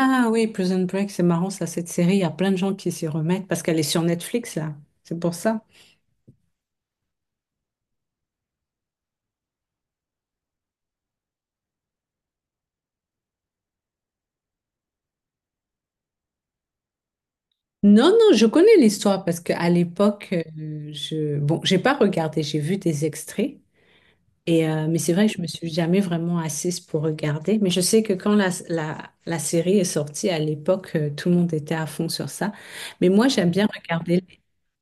Ah oui, Prison Break, c'est marrant ça, cette série, il y a plein de gens qui s'y remettent parce qu'elle est sur Netflix là, c'est pour ça. Non, non, je connais l'histoire parce qu'à l'époque, je j'ai pas regardé, j'ai vu des extraits et mais c'est vrai que je me suis jamais vraiment assise pour regarder. Mais je sais que quand la série est sortie à l'époque, tout le monde était à fond sur ça. Mais moi, j'aime bien regarder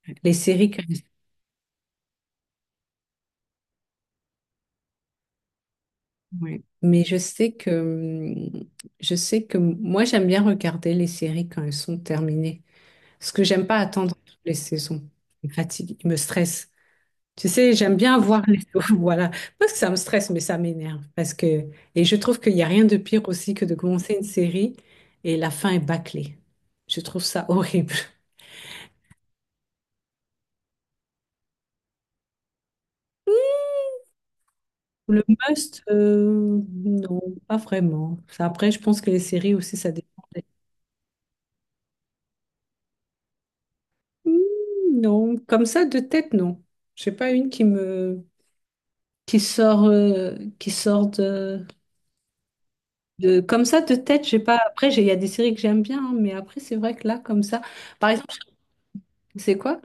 les séries comme ça. Ouais. Mais je sais que moi, j'aime bien regarder les séries quand elles sont terminées. Parce que j'aime pas attendre toutes les saisons. Il me fatigue, il me stresse. Tu sais, j'aime bien voir les voilà. Parce que ça me stresse, mais ça m'énerve. Parce que... Et je trouve qu'il n'y a rien de pire aussi que de commencer une série et la fin est bâclée. Je trouve ça horrible. Le must, non, pas vraiment. Ça, après, je pense que les séries aussi, ça dépend. Hmm, non, comme ça, de tête, non. Je sais pas une qui me... qui sort de... De, comme ça, de tête, j'ai pas. Après, il y a des séries que j'aime bien, hein, mais après, c'est vrai que là, comme ça. Par exemple, c'est quoi?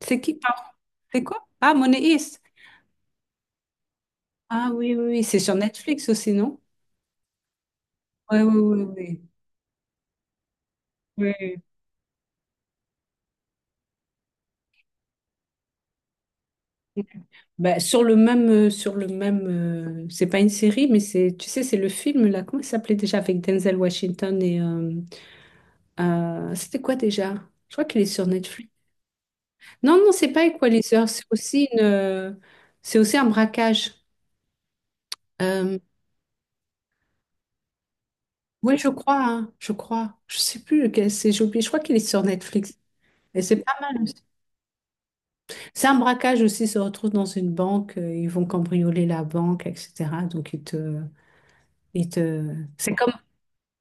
C'est qui? Pardon, c'est quoi? Ah, Money Heist. Ah oui, oui, oui. C'est sur Netflix aussi, non? Ouais, oui, oui, oui. Oui. Oui. Bah, sur le même, c'est pas une série, mais c'est, tu sais, c'est le film là. Comment il s'appelait déjà avec Denzel Washington et c'était quoi déjà? Je crois qu'il est sur Netflix. Non, non, c'est pas Equalizer. C'est aussi une, c'est aussi un braquage. Euh, Oui, je crois, hein, je crois. Je sais plus lequel c'est, j'ai oublié. Je crois qu'il est sur Netflix. Et c'est pas mal aussi. C'est un braquage aussi, ils se retrouvent dans une banque, ils vont cambrioler la banque, etc. Donc ils te... C'est comme...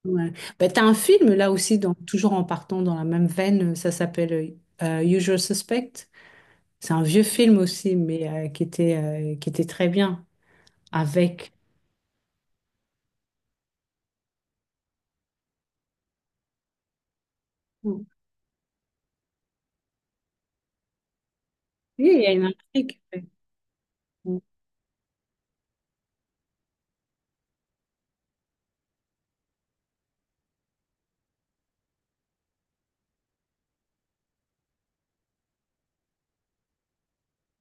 Ouais. Bah, t'as un film là aussi, toujours en partant dans la même veine, ça s'appelle Usual Suspect. C'est un vieux film aussi, mais qui était très bien avec... Oui, il y a une intrigue.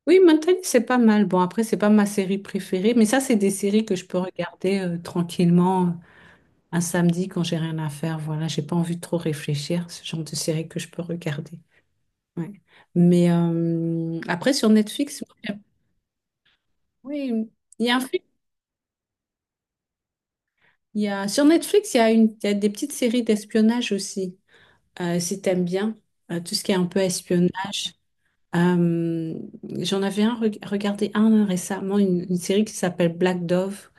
Oui, Mentally, c'est pas mal. Bon, après, c'est pas ma série préférée, mais ça, c'est des séries que je peux regarder tranquillement un samedi quand j'ai rien à faire. Voilà, j'ai pas envie de trop réfléchir. Ce genre de série que je peux regarder. Ouais. Mais après, sur Netflix, oui, il y a un film. Il y a, sur Netflix, il y a des petites séries d'espionnage aussi, si t'aimes bien tout ce qui est un peu espionnage. Euh, j'en avais un, regardé un récemment, une série qui s'appelle Black Dove.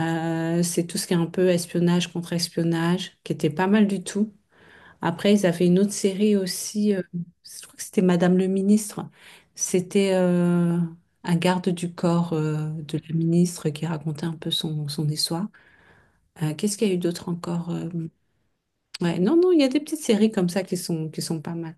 C'est tout ce qui est un peu espionnage contre espionnage, qui était pas mal du tout. Après, ils avaient une autre série aussi, je crois que c'était Madame le ministre. C'était un garde du corps de la ministre qui racontait un peu son histoire. Qu'est-ce qu'il y a eu d'autre encore? Ouais, non, non, il y a des petites séries comme ça qui sont pas mal.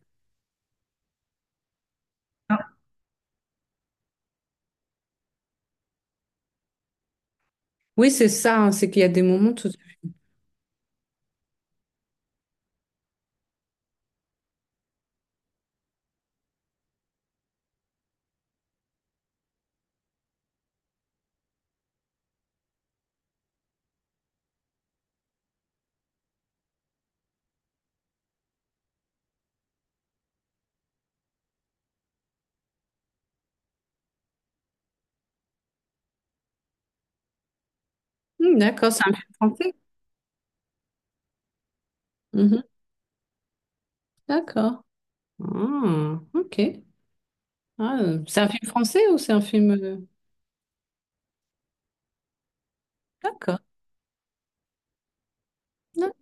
Oui, c'est ça, hein, c'est qu'il y a des moments tout... Hmm, d'accord, c'est un film français. Mhm, d'accord. Ah, ok. Ah, c'est un film français ou c'est un film... d'accord. Non.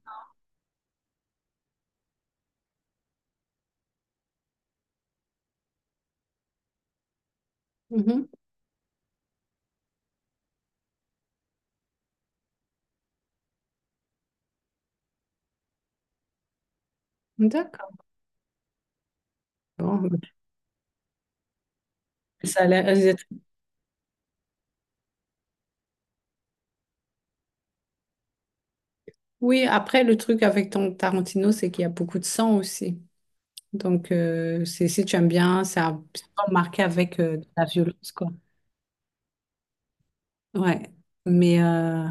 Mhm. D'accord. Bon, bah, ça a l'air- c'est- oui, après, le truc avec ton Tarantino, c'est qu'il y a beaucoup de sang aussi. Donc, c'est, si tu aimes bien, ça c'est pas marqué avec de la violence, quoi. Ouais. Mais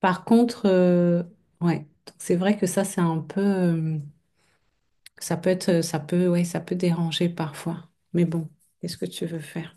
par contre, ouais. Donc, c'est vrai que ça, c'est un peu. Ça peut être. Ça peut, ouais, ça peut déranger parfois. Mais bon, qu'est-ce que tu veux faire?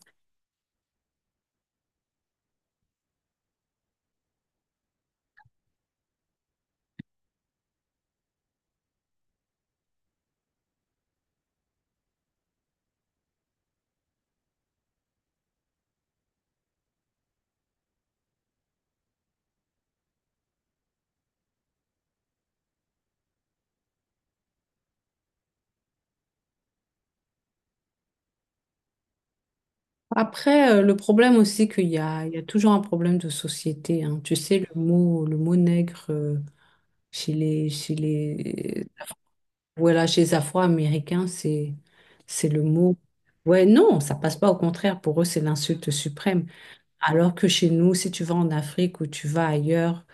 Après, le problème aussi qu'il y a, il y a toujours un problème de société. Hein. Tu sais, le mot nègre. Chez chez les, voilà, chez les Afro-Américains, c'est le mot. Ouais, non, ça passe pas. Au contraire, pour eux, c'est l'insulte suprême. Alors que chez nous, si tu vas en Afrique ou tu vas ailleurs,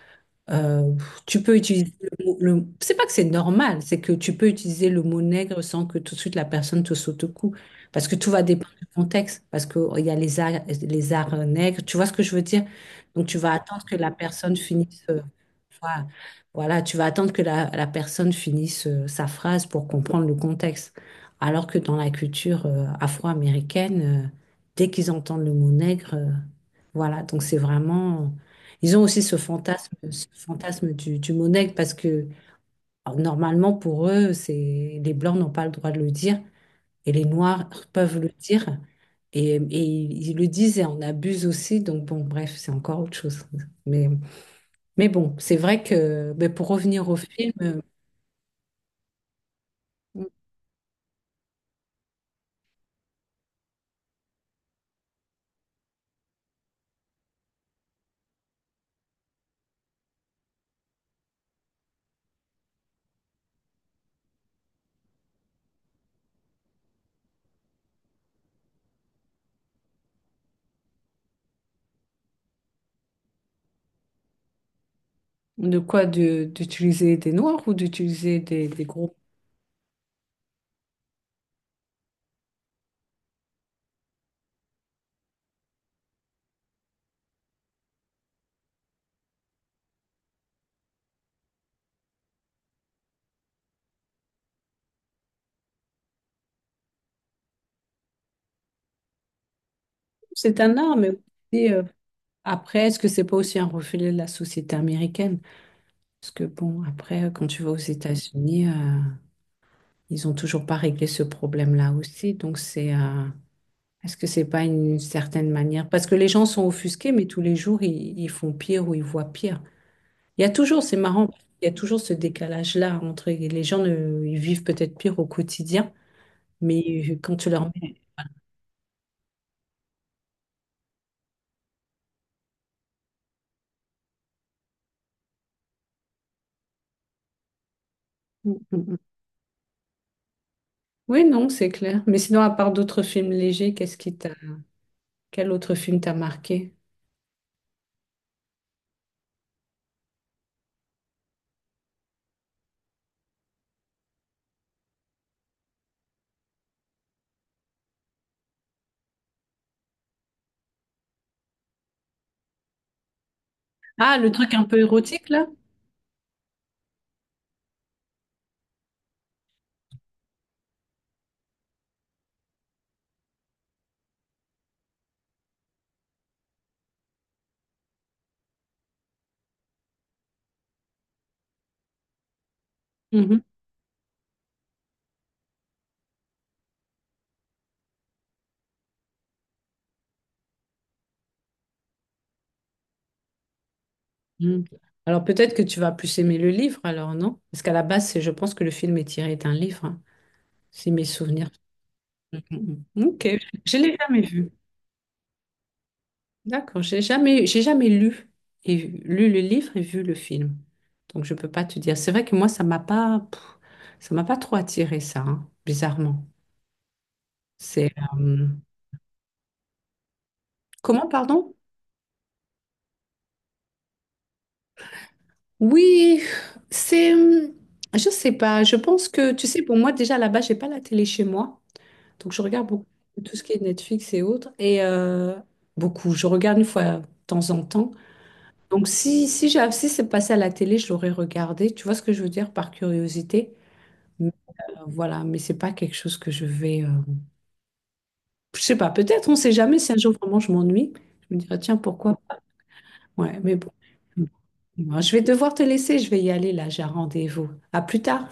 euh, tu peux utiliser c'est pas que c'est normal, c'est que tu peux utiliser le mot nègre sans que tout de suite la personne te saute au cou, parce que tout va dépendre du contexte, parce que oh, il y a les arts nègres, tu vois ce que je veux dire? Donc tu vas attendre que la personne finisse, voilà, voilà, tu vas attendre que la personne finisse sa phrase pour comprendre le contexte, alors que dans la culture afro-américaine, dès qu'ils entendent le mot nègre, voilà, donc c'est vraiment ils ont aussi ce fantasme du mot nègre parce que alors, normalement pour eux, c'est les blancs n'ont pas le droit de le dire et les noirs peuvent le dire et ils le disent et on abuse aussi. Donc bon, bref, c'est encore autre chose. Mais, mais bon, c'est vrai que ben, pour revenir au film, de quoi d'utiliser des noirs ou d'utiliser des groupes, c'est un art. Mais aussi, après, est-ce que c'est pas aussi un reflet de la société américaine? Parce que bon, après, quand tu vas aux États-Unis, ils ont toujours pas réglé ce problème-là aussi. Donc c'est, est-ce que c'est pas une certaine manière? Parce que les gens sont offusqués, mais tous les jours ils font pire ou ils voient pire. Il y a toujours, c'est marrant, il y a toujours ce décalage-là entre les gens ne, ils vivent peut-être pire au quotidien, mais quand tu leur mets... Mm, mm, mm. Oui, non, c'est clair. Mais sinon, à part d'autres films légers, quel autre film t'a marqué? Ah, le truc un peu érotique là? Mm. Alors peut-être que tu vas plus aimer le livre alors, non? Parce qu'à la base, je pense que le film est tiré d'un livre, hein, si mes souvenirs. Mm, mm. Ok, je l'ai jamais vu. D'accord, j'ai jamais lu et lu le livre et vu le film. Donc je peux pas te dire. C'est vrai que moi, ça m'a pas, pff, ça m'a pas trop attiré ça, hein, bizarrement. C'est euh, comment, pardon? Oui, c'est, je sais pas. Je pense que, tu sais, pour moi déjà là-bas, j'ai pas la télé chez moi. Donc je regarde beaucoup tout ce qui est Netflix et autres. Et beaucoup, je regarde une fois de temps en temps. Donc si, si, j'ai, si c'est passé à la télé, je l'aurais regardé. Tu vois ce que je veux dire par curiosité? Mais, voilà, mais c'est pas quelque chose que je vais... je sais pas, peut-être, on sait jamais. Si un jour vraiment je m'ennuie, je me dirais, tiens, pourquoi? Ouais, mais bon. Bon, je vais devoir te laisser, je vais y aller là, j'ai un rendez-vous. À plus tard.